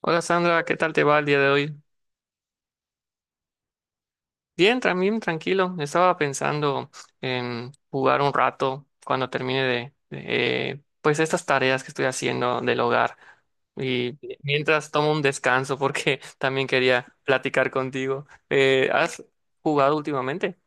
Hola Sandra, ¿qué tal te va el día de hoy? Bien, también tranquilo. Estaba pensando en jugar un rato cuando termine de, pues estas tareas que estoy haciendo del hogar y mientras tomo un descanso porque también quería platicar contigo. ¿Has jugado últimamente?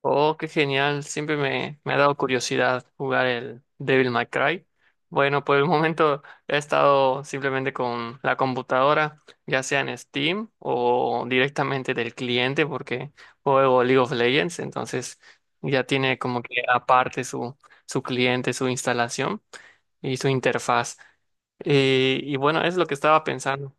Oh, qué genial. Siempre me ha dado curiosidad jugar el Devil May Cry. Bueno, por el momento he estado simplemente con la computadora, ya sea en Steam o directamente del cliente, porque juego League of Legends, entonces ya tiene como que su cliente, su instalación y su interfaz. Y bueno, es lo que estaba pensando.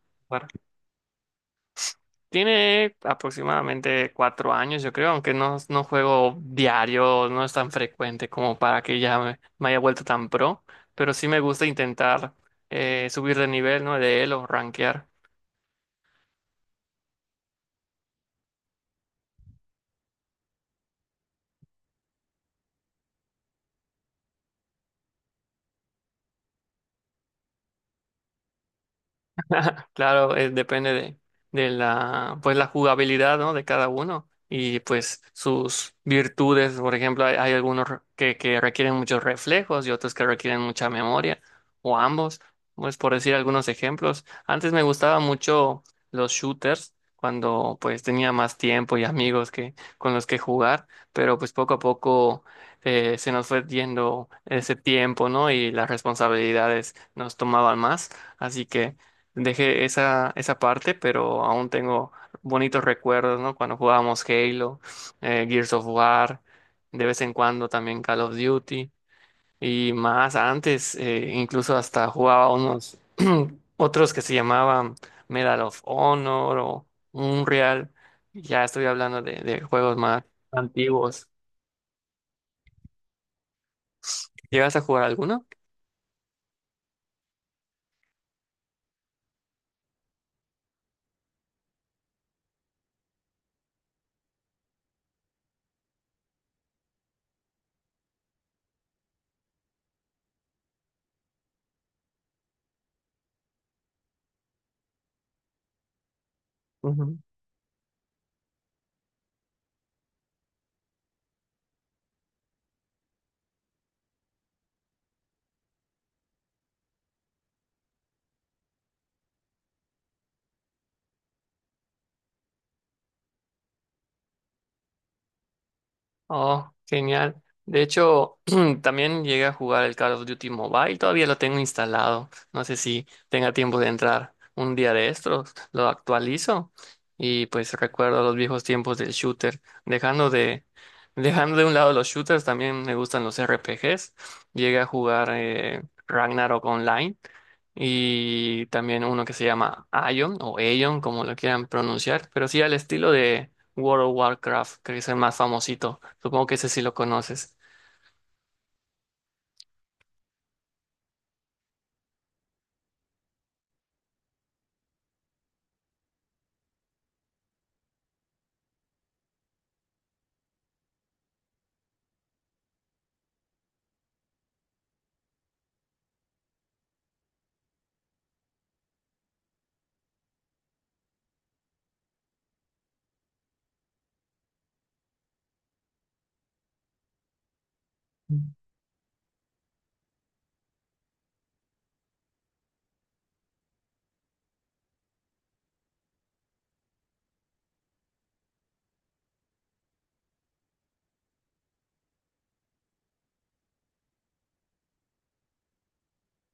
Tiene aproximadamente 4 años, yo creo, aunque no juego diario, no es tan frecuente como para que ya me haya vuelto tan pro, pero sí me gusta intentar subir de nivel, ¿no? De él o rankear. Claro, depende de pues la jugabilidad, ¿no? De cada uno y pues sus virtudes. Por ejemplo, hay algunos que requieren muchos reflejos y otros que requieren mucha memoria o ambos, pues por decir algunos ejemplos. Antes me gustaba mucho los shooters cuando pues tenía más tiempo y amigos que con los que jugar, pero pues poco a poco se nos fue yendo ese tiempo, ¿no? Y las responsabilidades nos tomaban más, así que dejé esa parte, pero aún tengo bonitos recuerdos, ¿no? Cuando jugábamos Halo, Gears of War, de vez en cuando también Call of Duty, y más antes, incluso hasta jugaba unos otros que se llamaban Medal of Honor o Unreal. Ya estoy hablando de juegos más antiguos. ¿Llegas a jugar alguno? Oh, genial. De hecho, también llegué a jugar el Call of Duty Mobile, todavía lo tengo instalado. No sé si tenga tiempo de entrar un día de estos, lo actualizo y pues recuerdo los viejos tiempos del shooter. Dejando de un lado los shooters, también me gustan los RPGs. Llegué a jugar Ragnarok Online y también uno que se llama Aion o Aion, como lo quieran pronunciar, pero sí al estilo World of Warcraft, que es el más famosito. Supongo que ese sí lo conoces.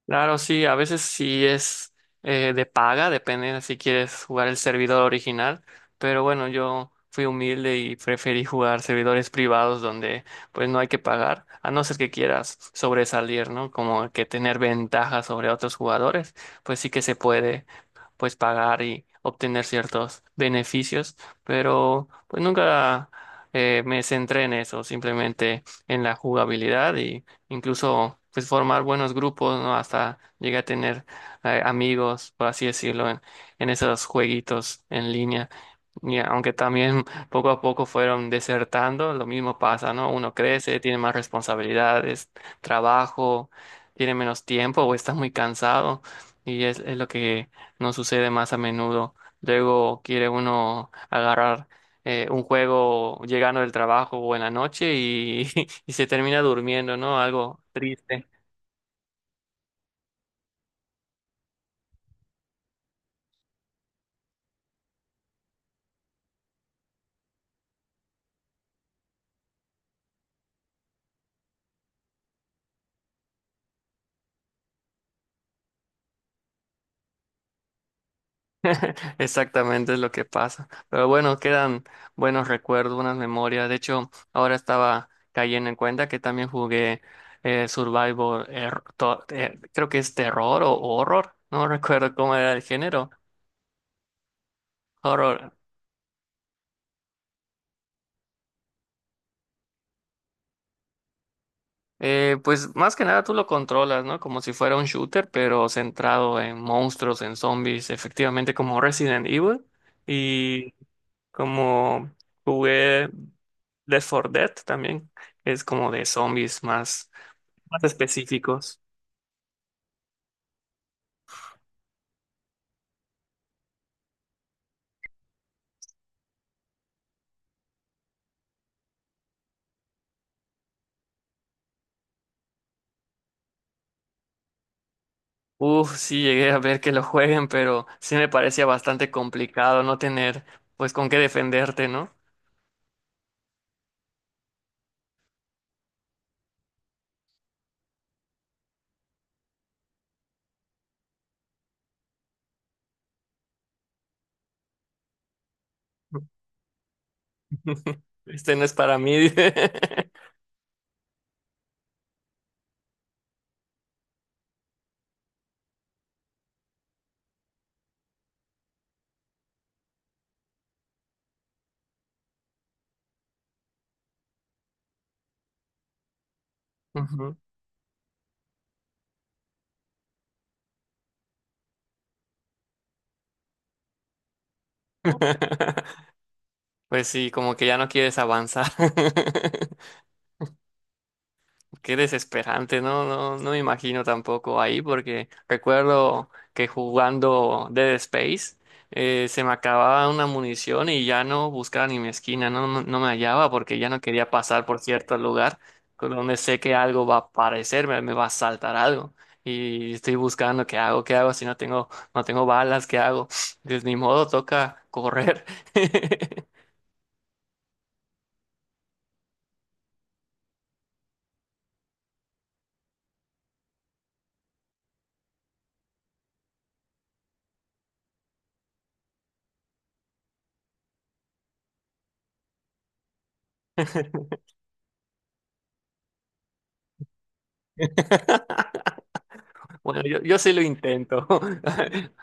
Claro, sí, a veces sí es de paga, depende de si quieres jugar el servidor original, pero bueno, yo fui humilde y preferí jugar servidores privados donde pues no hay que pagar, a no ser que quieras sobresalir, ¿no? Como que tener ventaja sobre otros jugadores, pues sí que se puede pues pagar y obtener ciertos beneficios, pero pues nunca me centré en eso, simplemente en la jugabilidad y incluso pues formar buenos grupos, ¿no? Hasta llegué a tener amigos, por así decirlo, en esos jueguitos en línea. Y aunque también poco a poco fueron desertando, lo mismo pasa, ¿no? Uno crece, tiene más responsabilidades, trabajo, tiene menos tiempo o está muy cansado y es lo que no sucede más a menudo. Luego quiere uno agarrar un juego llegando del trabajo o en la noche y, y se termina durmiendo, ¿no? Algo triste. Exactamente es lo que pasa. Pero bueno, quedan buenos recuerdos, buenas memorias. De hecho, ahora estaba cayendo en cuenta que también jugué creo que es terror o horror, no recuerdo cómo era el género. Horror, pues más que nada tú lo controlas, ¿no? Como si fuera un shooter, pero centrado en monstruos, en zombies, efectivamente como Resident Evil y como jugué Left 4 Dead también, es como de zombies más, más específicos. Uf, sí llegué a ver que lo jueguen, pero sí me parecía bastante complicado no tener pues con qué defenderte, ¿no? Este no es para mí. Ujú. Pues sí, como que ya no quieres avanzar. Qué desesperante, no, no, no me imagino tampoco ahí, porque recuerdo que jugando Dead Space se me acababa una munición y ya no buscaba ni mi esquina, no, no, no me hallaba porque ya no quería pasar por cierto lugar con donde sé que algo va a aparecer, me va a saltar algo. Y estoy buscando qué hago si no tengo balas, qué hago. Pues ni modo, toca correr. Bueno, yo sí lo intento.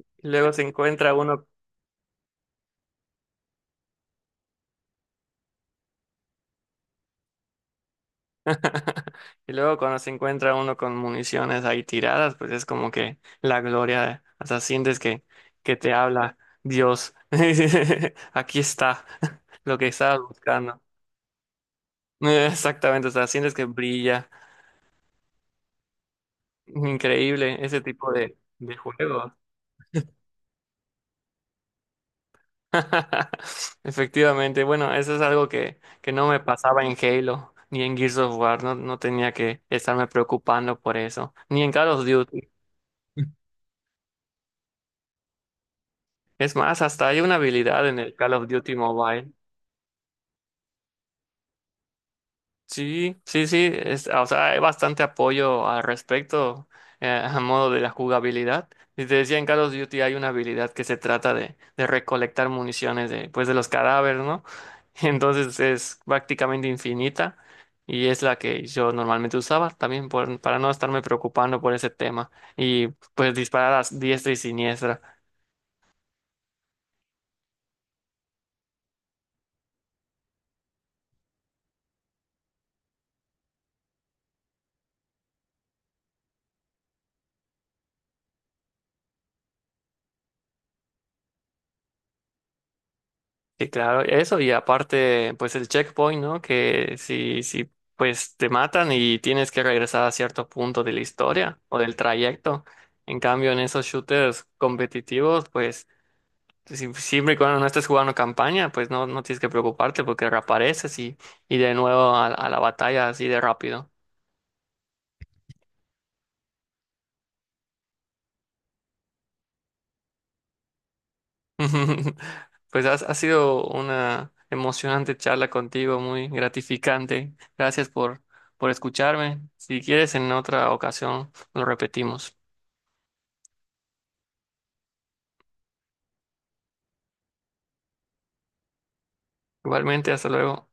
Y luego se encuentra uno, y luego cuando se encuentra uno con municiones ahí tiradas, pues es como que la gloria, o sea, que te habla Dios. Aquí está lo que estabas buscando. Exactamente, o sea, sientes que brilla. Increíble ese tipo de juegos. Efectivamente, bueno, eso es algo que no me pasaba en Halo ni en Gears of War, no, no tenía que estarme preocupando por eso, ni en Call of Duty. Es más, hasta hay una habilidad en el Call of Duty Mobile. Sí, sí, sí, o sea, hay bastante apoyo al respecto a modo de la jugabilidad. Y te decía, en Call of Duty hay una habilidad que se trata de recolectar municiones de, pues, de los cadáveres, ¿no? Entonces es prácticamente infinita y es la que yo normalmente usaba también para no estarme preocupando por ese tema y pues disparar a diestra y siniestra. Sí, claro, eso y aparte, pues el checkpoint, ¿no? Que si, si, pues te matan y tienes que regresar a cierto punto de la historia o del trayecto. En cambio, en esos shooters competitivos, pues siempre y cuando no estés jugando campaña, pues no, no tienes que preocuparte porque reapareces y de nuevo a la batalla así de rápido. Pues ha sido una emocionante charla contigo, muy gratificante. Gracias por escucharme. Si quieres, en otra ocasión lo repetimos. Igualmente, hasta luego.